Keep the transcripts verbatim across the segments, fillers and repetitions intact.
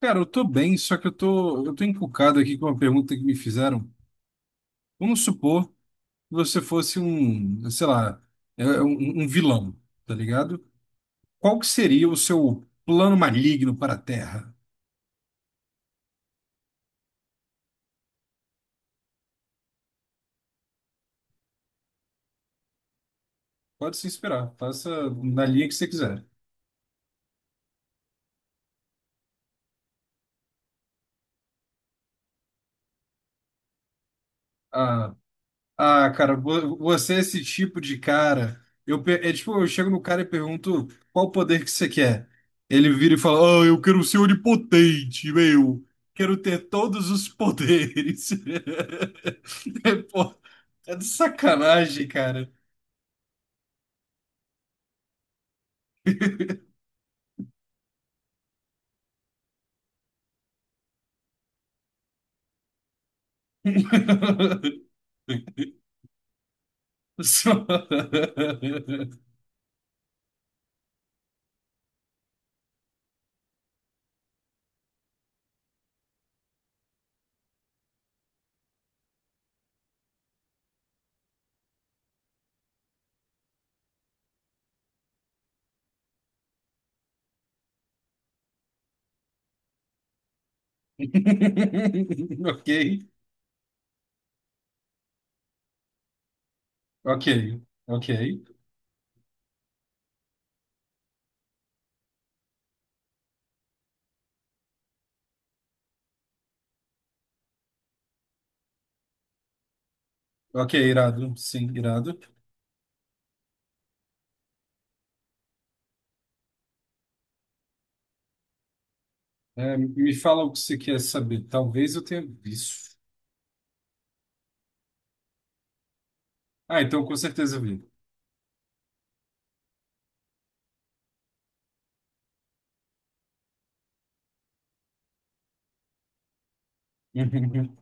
Cara, eu tô bem, só que eu tô, eu tô encucado aqui com uma pergunta que me fizeram. Vamos supor que você fosse um, sei lá, é, é um, um vilão, tá ligado? Qual que seria o seu plano maligno para a Terra? Pode se inspirar, faça na linha que você quiser. A Ah, cara, vo- você é esse tipo de cara. Eu, pe- é tipo, eu chego no cara e pergunto qual poder que você quer. Ele vira e fala: Ah, eu quero ser onipotente, meu. Quero ter todos os poderes. É, pô, é de sacanagem, cara. Só- Ok, ok, ok. Ok, irado. Sim, irado. É, me fala o que você quer saber. Talvez eu tenha visto. Ah, então com certeza vi. Uhum.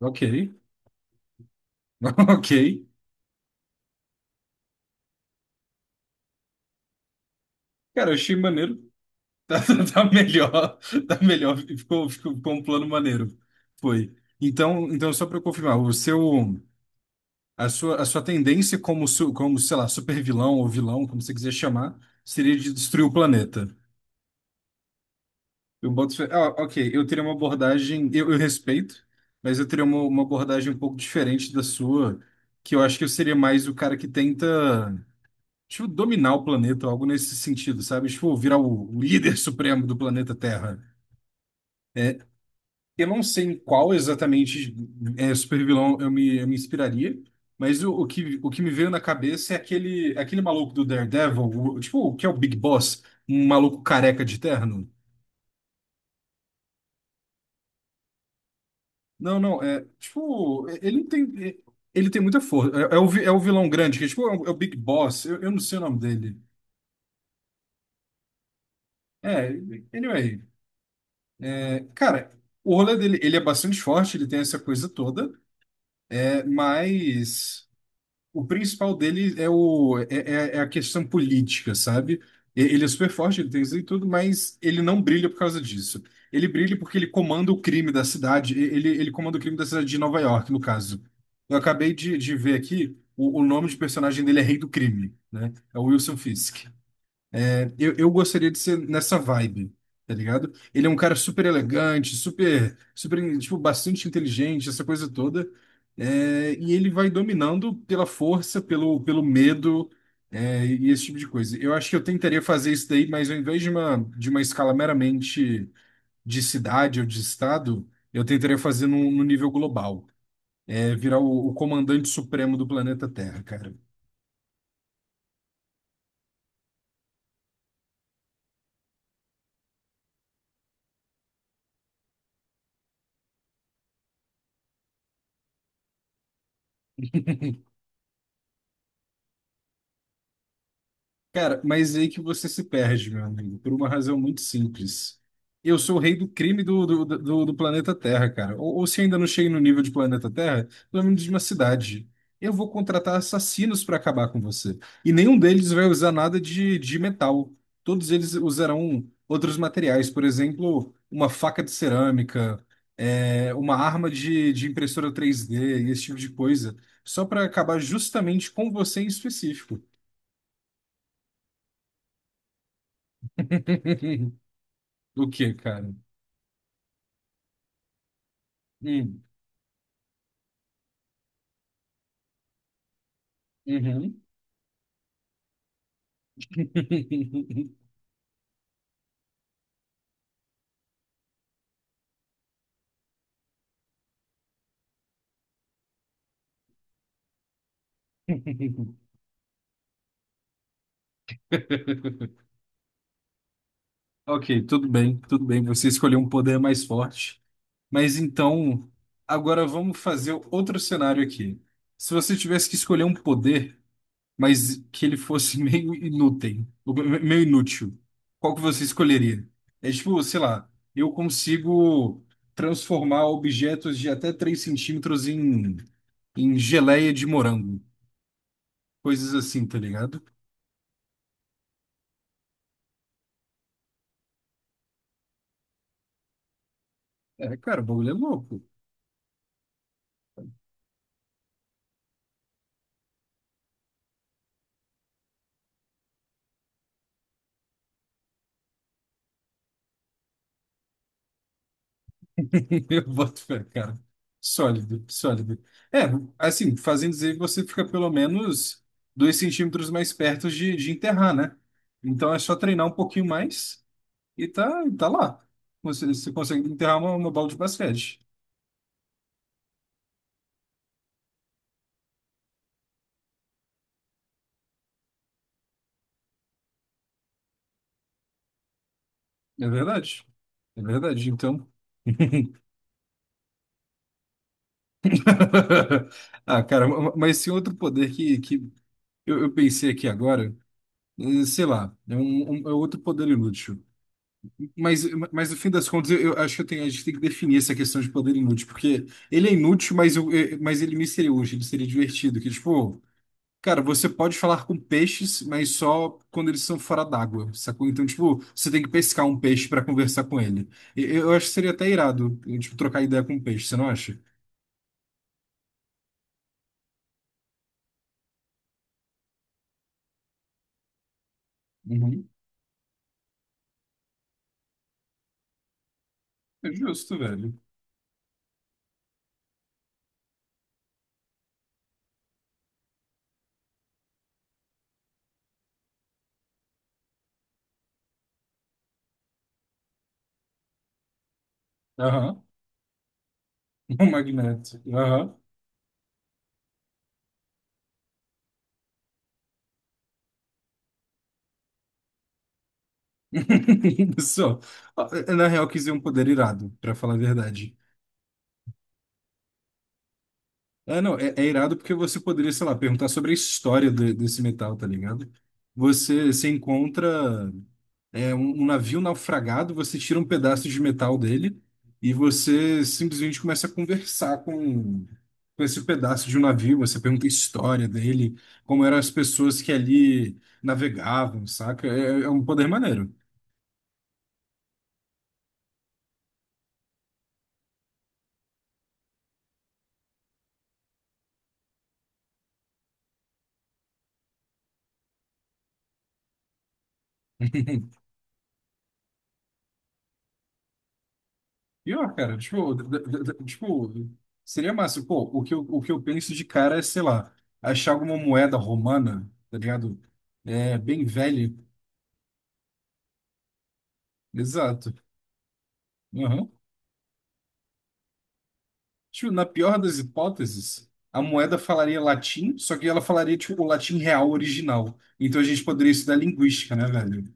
Ok, ok. Cara, eu achei maneiro. Tá, tá- tá melhor, tá melhor. Ficou, ficou, ficou um plano maneiro. Foi. Então, então só para confirmar, o seu, a sua, a sua tendência como, su- como, sei lá, super vilão ou vilão, como você quiser chamar, seria de destruir o planeta. Eu boto, fé- ah, ok, eu teria uma abordagem, eu, eu respeito, mas eu teria uma, uma abordagem um pouco diferente da sua, que eu acho que eu seria mais o cara que tenta. Tipo, dominar o planeta, algo nesse sentido, sabe? Tipo, virar o líder supremo do planeta Terra. É, eu não sei em qual exatamente é, supervilão eu me, eu me inspiraria, mas o, o que, o que me veio na cabeça é aquele, aquele maluco do Daredevil, o- tipo, o que é o Big Boss, um maluco careca de terno. Não, não, é, tipo, ele não tem, é, ele tem muita força. É, é o, vi- é o vilão grande, que é, tipo, é o, é o Big Boss, eu, eu não sei o nome dele. É, anyway. É, cara, o rolê dele, ele é bastante forte, ele tem essa coisa toda, é, mas o principal dele é, o, é, é- é a questão política, sabe? E- Ele é super forte, ele tem isso e tudo, mas ele não brilha por causa disso. Ele brilha porque ele comanda o crime da cidade, e- ele, ele comanda o crime da cidade de Nova York, no caso. Eu acabei de, de ver aqui, o, o nome de personagem dele é Rei do Crime, né? É o Wilson Fisk. Eu, eu gostaria de ser nessa vibe, tá ligado? Ele é um cara super elegante, super, super, tipo, bastante inteligente, essa coisa toda. É, e ele vai dominando pela força, pelo, pelo medo, é, e esse tipo de coisa. Eu acho que eu tentaria fazer isso daí, mas ao invés de uma, de uma escala meramente de cidade ou de estado, eu tentaria fazer num, num nível global. É, virar o, o comandante supremo do planeta Terra, cara. Cara, mas é aí que você se perde, meu amigo, por uma razão muito simples. Eu sou o rei do crime do, do, do, do planeta Terra, cara. Ou, ou se ainda não cheguei no nível de planeta Terra, pelo menos de uma cidade. Eu vou contratar assassinos para acabar com você. E nenhum deles vai usar nada de, de metal. Todos eles usarão outros materiais, por exemplo, uma faca de cerâmica, é, uma arma de, de impressora três d e esse tipo de coisa. Só para acabar justamente com você em específico. O que, cara? Hum, uhum. Ok, tudo bem, tudo bem. Você escolheu um poder mais forte. Mas então, agora vamos fazer outro cenário aqui. Se você tivesse que escolher um poder, mas que ele fosse meio inútil, meio inútil, qual que você escolheria? É tipo, sei lá, eu consigo transformar objetos de até três centímetros em, em geleia de morango. Coisas assim, tá ligado? É, cara, o bagulho é louco. Eu boto fé, cara. Sólido, sólido. É, assim, fazendo dizer que você fica pelo menos dois centímetros mais perto de, de enterrar, né? Então é só treinar um pouquinho mais e tá, tá lá. Você, você consegue enterrar uma, uma bola de basquete. É verdade. É verdade, então. Ah, cara, ma- mas esse outro poder que, que eu, eu pensei aqui agora, eh, sei lá, é um, um- é outro poder inútil. Mas, mas no fim das contas, eu, eu acho que eu tenho- a gente tem que definir essa questão de poder inútil, porque ele é inútil, mas, eu, eh, mas ele me seria útil, ele seria divertido. Que, tipo, cara, você pode falar com peixes, mas só quando eles estão fora d'água, sacou? Então, tipo, você tem que pescar um peixe para conversar com ele. E- Eu, acho que seria até irado, eh, tipo, trocar ideia com um peixe, você não acha? Uhum. É justo, velho. Aham. Um magneto. Aham. Só. Ah, na real, eu quis dizer um poder irado, para falar a verdade. É, não, é, é irado porque você poderia, sei lá, perguntar sobre a história de- desse metal, tá ligado? Você, você encontra é, um, um navio naufragado, você tira um pedaço de metal dele e você simplesmente começa a conversar com, com esse pedaço de um navio. Você pergunta a história dele, como eram as pessoas que ali navegavam, saca? É, é um poder maneiro. E, ó, cara, tipo, d- d- d- tipo, seria massa. Pô, o que eu, o que eu penso de cara é, sei lá, achar alguma moeda romana, tá ligado? É, bem velha. Exato. Uhum. Tipo, na pior das hipóteses, a moeda falaria latim, só que ela falaria, tipo, o latim real original. Então a gente poderia estudar linguística, né, velho?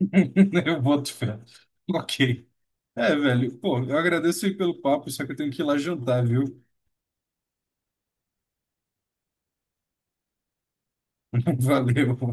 Eu boto fé. Ok. É, velho. Pô, eu agradeço aí pelo papo, só que eu tenho que ir lá jantar, viu? Valeu.